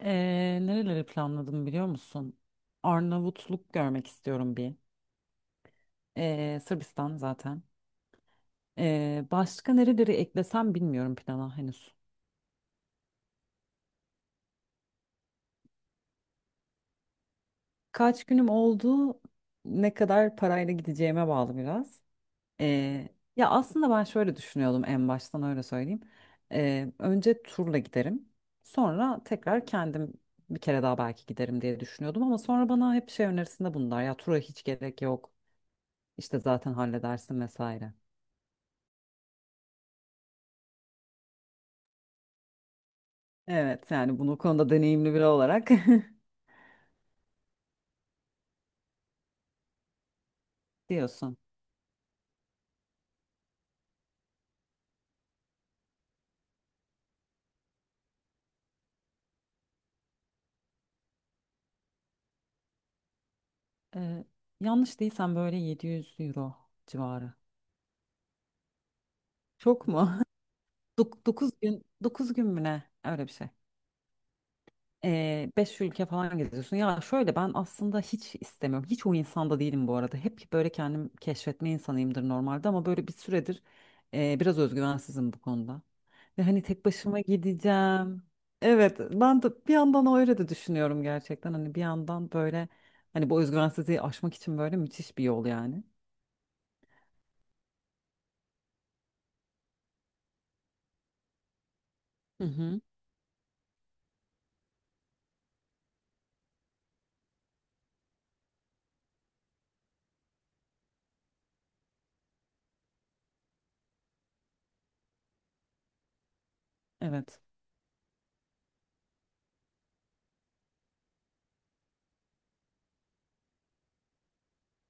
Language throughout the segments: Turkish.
Nereleri planladım biliyor musun? Arnavutluk görmek istiyorum bir. Sırbistan zaten. Başka nereleri eklesem bilmiyorum plana henüz. Kaç günüm oldu? Ne kadar parayla gideceğime bağlı biraz. Ee, ya aslında ben şöyle düşünüyordum, en baştan öyle söyleyeyim. Önce turla giderim. Sonra tekrar kendim bir kere daha belki giderim diye düşünüyordum, ama sonra bana hep şey önerisinde bulundular. Ya tura hiç gerek yok. İşte zaten halledersin vesaire. Evet, yani bunu konuda deneyimli biri olarak diyorsun. Ee, yanlış değilsem böyle 700 euro civarı. Çok mu? 9 gün 9 gün mü ne? Öyle bir şey. Beş ülke falan geziyorsun. Ya şöyle, ben aslında hiç istemiyorum. Hiç o insanda değilim bu arada. Hep böyle kendim keşfetme insanıyımdır normalde, ama böyle bir süredir biraz özgüvensizim bu konuda. Ve hani tek başıma gideceğim. Evet, ben de bir yandan öyle de düşünüyorum gerçekten. Hani bir yandan böyle, hani bu özgüvensizliği aşmak için böyle müthiş bir yol yani. Hı hı. Evet,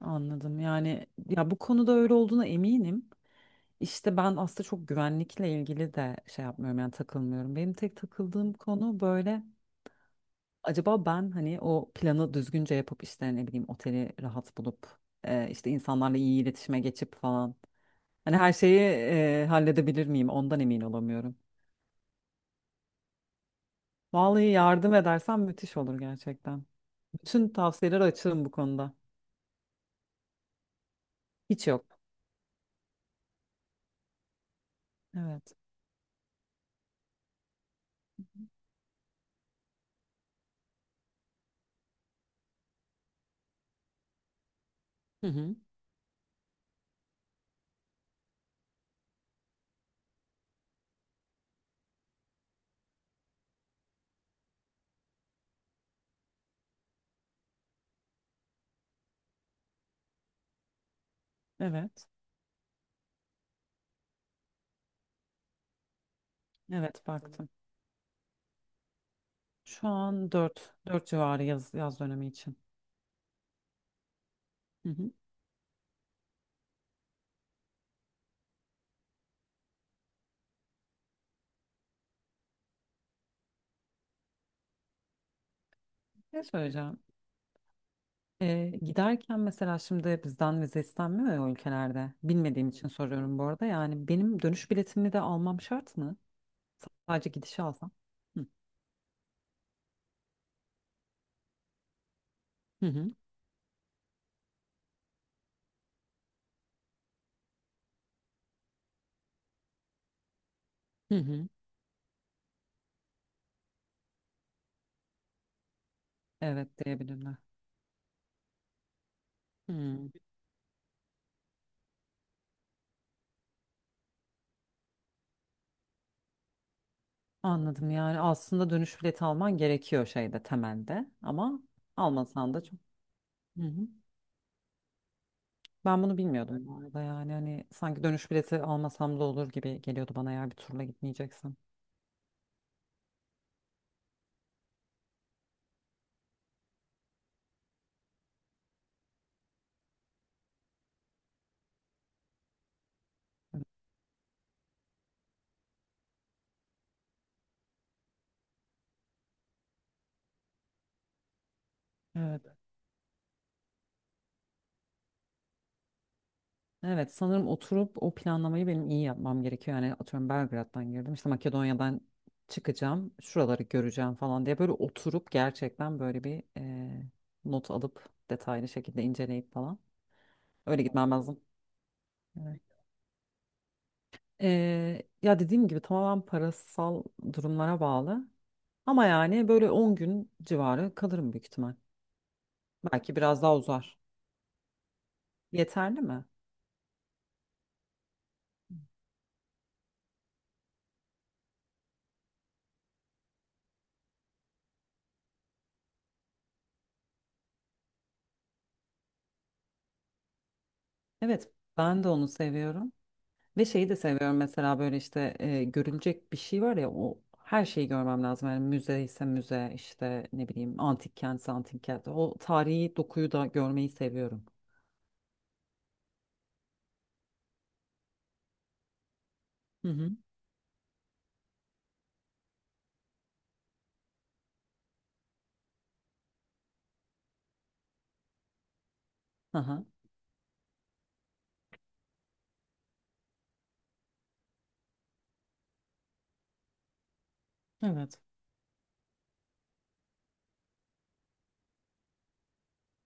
anladım. Yani ya bu konuda öyle olduğuna eminim. İşte ben aslında çok güvenlikle ilgili de şey yapmıyorum, yani takılmıyorum. Benim tek takıldığım konu böyle, acaba ben hani o planı düzgünce yapıp işte ne bileyim oteli rahat bulup, işte insanlarla iyi iletişime geçip falan. Hani her şeyi halledebilir miyim ondan emin olamıyorum. Vallahi yardım edersen müthiş olur gerçekten. Bütün tavsiyeler açığım bu konuda. Hiç yok. Evet. Hı hı. Evet. Evet, baktım. Şu an 4 4 civarı, yaz, yaz dönemi için. Hı hı. Ne söyleyeceğim? Giderken mesela şimdi bizden vize istenmiyor ya o ülkelerde. Bilmediğim için soruyorum bu arada. Yani benim dönüş biletimi de almam şart mı? Sadece gidişi alsam. Hı hı hı hı hı. Evet, diyebilirler. Hı. Anladım, yani aslında dönüş bileti alman gerekiyor şeyde temelde, ama almasan da çok. Hı hı. Ben bunu bilmiyordum bu arada, yani hani sanki dönüş bileti almasam da olur gibi geliyordu bana, eğer bir turla gitmeyeceksin. Evet. Evet, sanırım oturup o planlamayı benim iyi yapmam gerekiyor. Yani atıyorum Belgrad'dan girdim, işte Makedonya'dan çıkacağım, şuraları göreceğim falan diye böyle oturup gerçekten böyle bir not alıp detaylı şekilde inceleyip falan öyle gitmem lazım. Evet. E, ya dediğim gibi tamamen parasal durumlara bağlı, ama yani böyle 10 gün civarı kalırım büyük ihtimal. Belki biraz daha uzar. Yeterli mi? Evet, ben de onu seviyorum. Ve şeyi de seviyorum mesela, böyle işte görülecek bir şey var ya, o her şeyi görmem lazım. Yani müze ise müze, işte ne bileyim, antik kentse antik kent. O tarihi dokuyu da görmeyi seviyorum. Hı hı. Aha. Evet.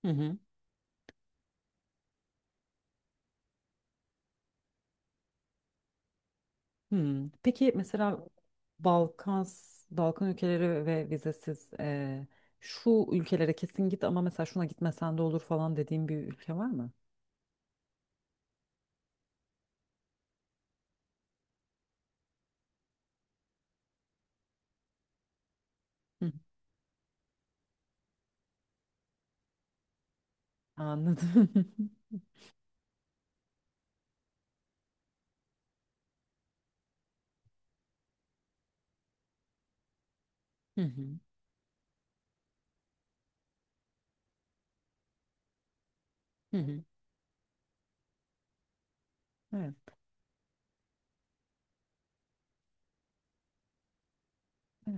Hı hı. Hmm. Peki mesela Balkan Balkan ülkeleri ve vizesiz, şu ülkelere kesin git ama mesela şuna gitmesen de olur falan dediğim bir ülke var mı? Hı. Anladım. Hı hı. Hı hı. Evet. Evet.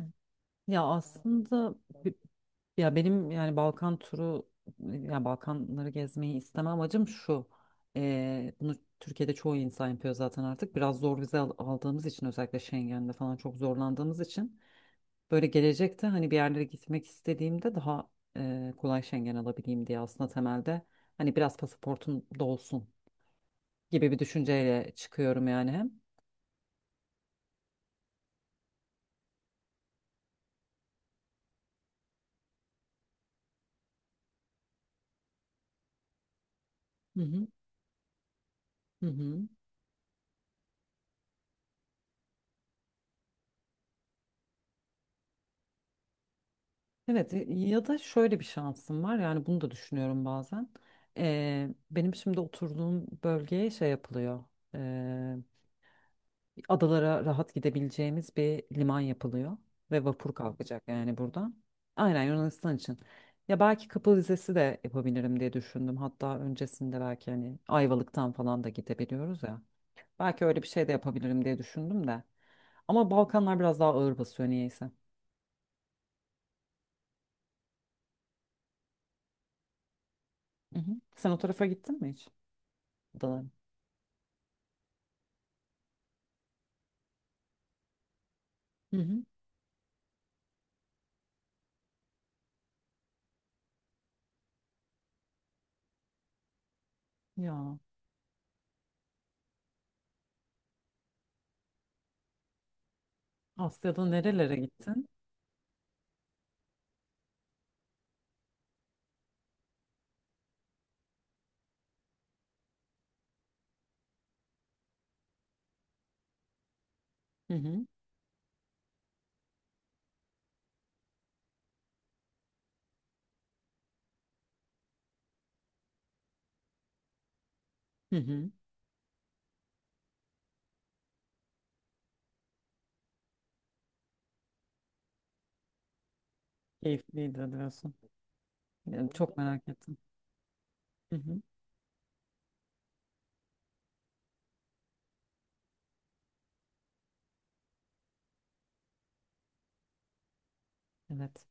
Ya aslında bi- ya benim, yani Balkan turu, ya Balkanları gezmeyi isteme amacım şu. Bunu Türkiye'de çoğu insan yapıyor zaten artık. Biraz zor vize aldığımız için, özellikle Schengen'de falan çok zorlandığımız için böyle gelecekte, hani bir yerlere gitmek istediğimde daha kolay Schengen alabileyim diye, aslında temelde hani biraz pasaportum dolsun gibi bir düşünceyle çıkıyorum yani hem. Hı hı. Hı hı. Evet, ya da şöyle bir şansım var, yani bunu da düşünüyorum bazen. Benim şimdi oturduğum bölgeye şey yapılıyor. ee, adalara rahat gidebileceğimiz bir liman yapılıyor ve vapur kalkacak yani buradan. Aynen, Yunanistan için. Ya belki Kapı Vizesi de yapabilirim diye düşündüm. Hatta öncesinde belki, hani Ayvalık'tan falan da gidebiliyoruz ya. Belki öyle bir şey de yapabilirim diye düşündüm de. Ama Balkanlar biraz daha ağır basıyor niyeyse. Hı hı. Sen o tarafa gittin mi hiç? Adalara? Hı hı. Ya Asya'da nerelere gittin? Hı hı. Hı hı. Keyifliydi diyorsun. Yani çok merak ettim. Hı hı. Evet.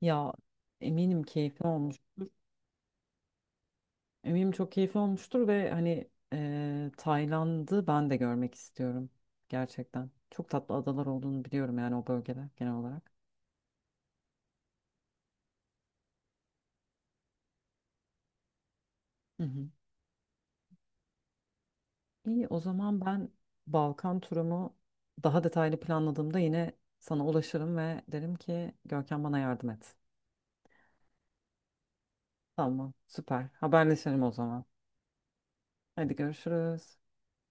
Ya eminim keyifli olmuştur. Eminim çok keyifli olmuştur, ve hani Tayland'ı ben de görmek istiyorum. Gerçekten. Çok tatlı adalar olduğunu biliyorum yani, o bölgede genel olarak. Hı hı. İyi, o zaman ben Balkan turumu daha detaylı planladığımda yine sana ulaşırım ve derim ki, Görkem bana yardım et. Tamam, süper. Haberleşelim o zaman. Hadi görüşürüz.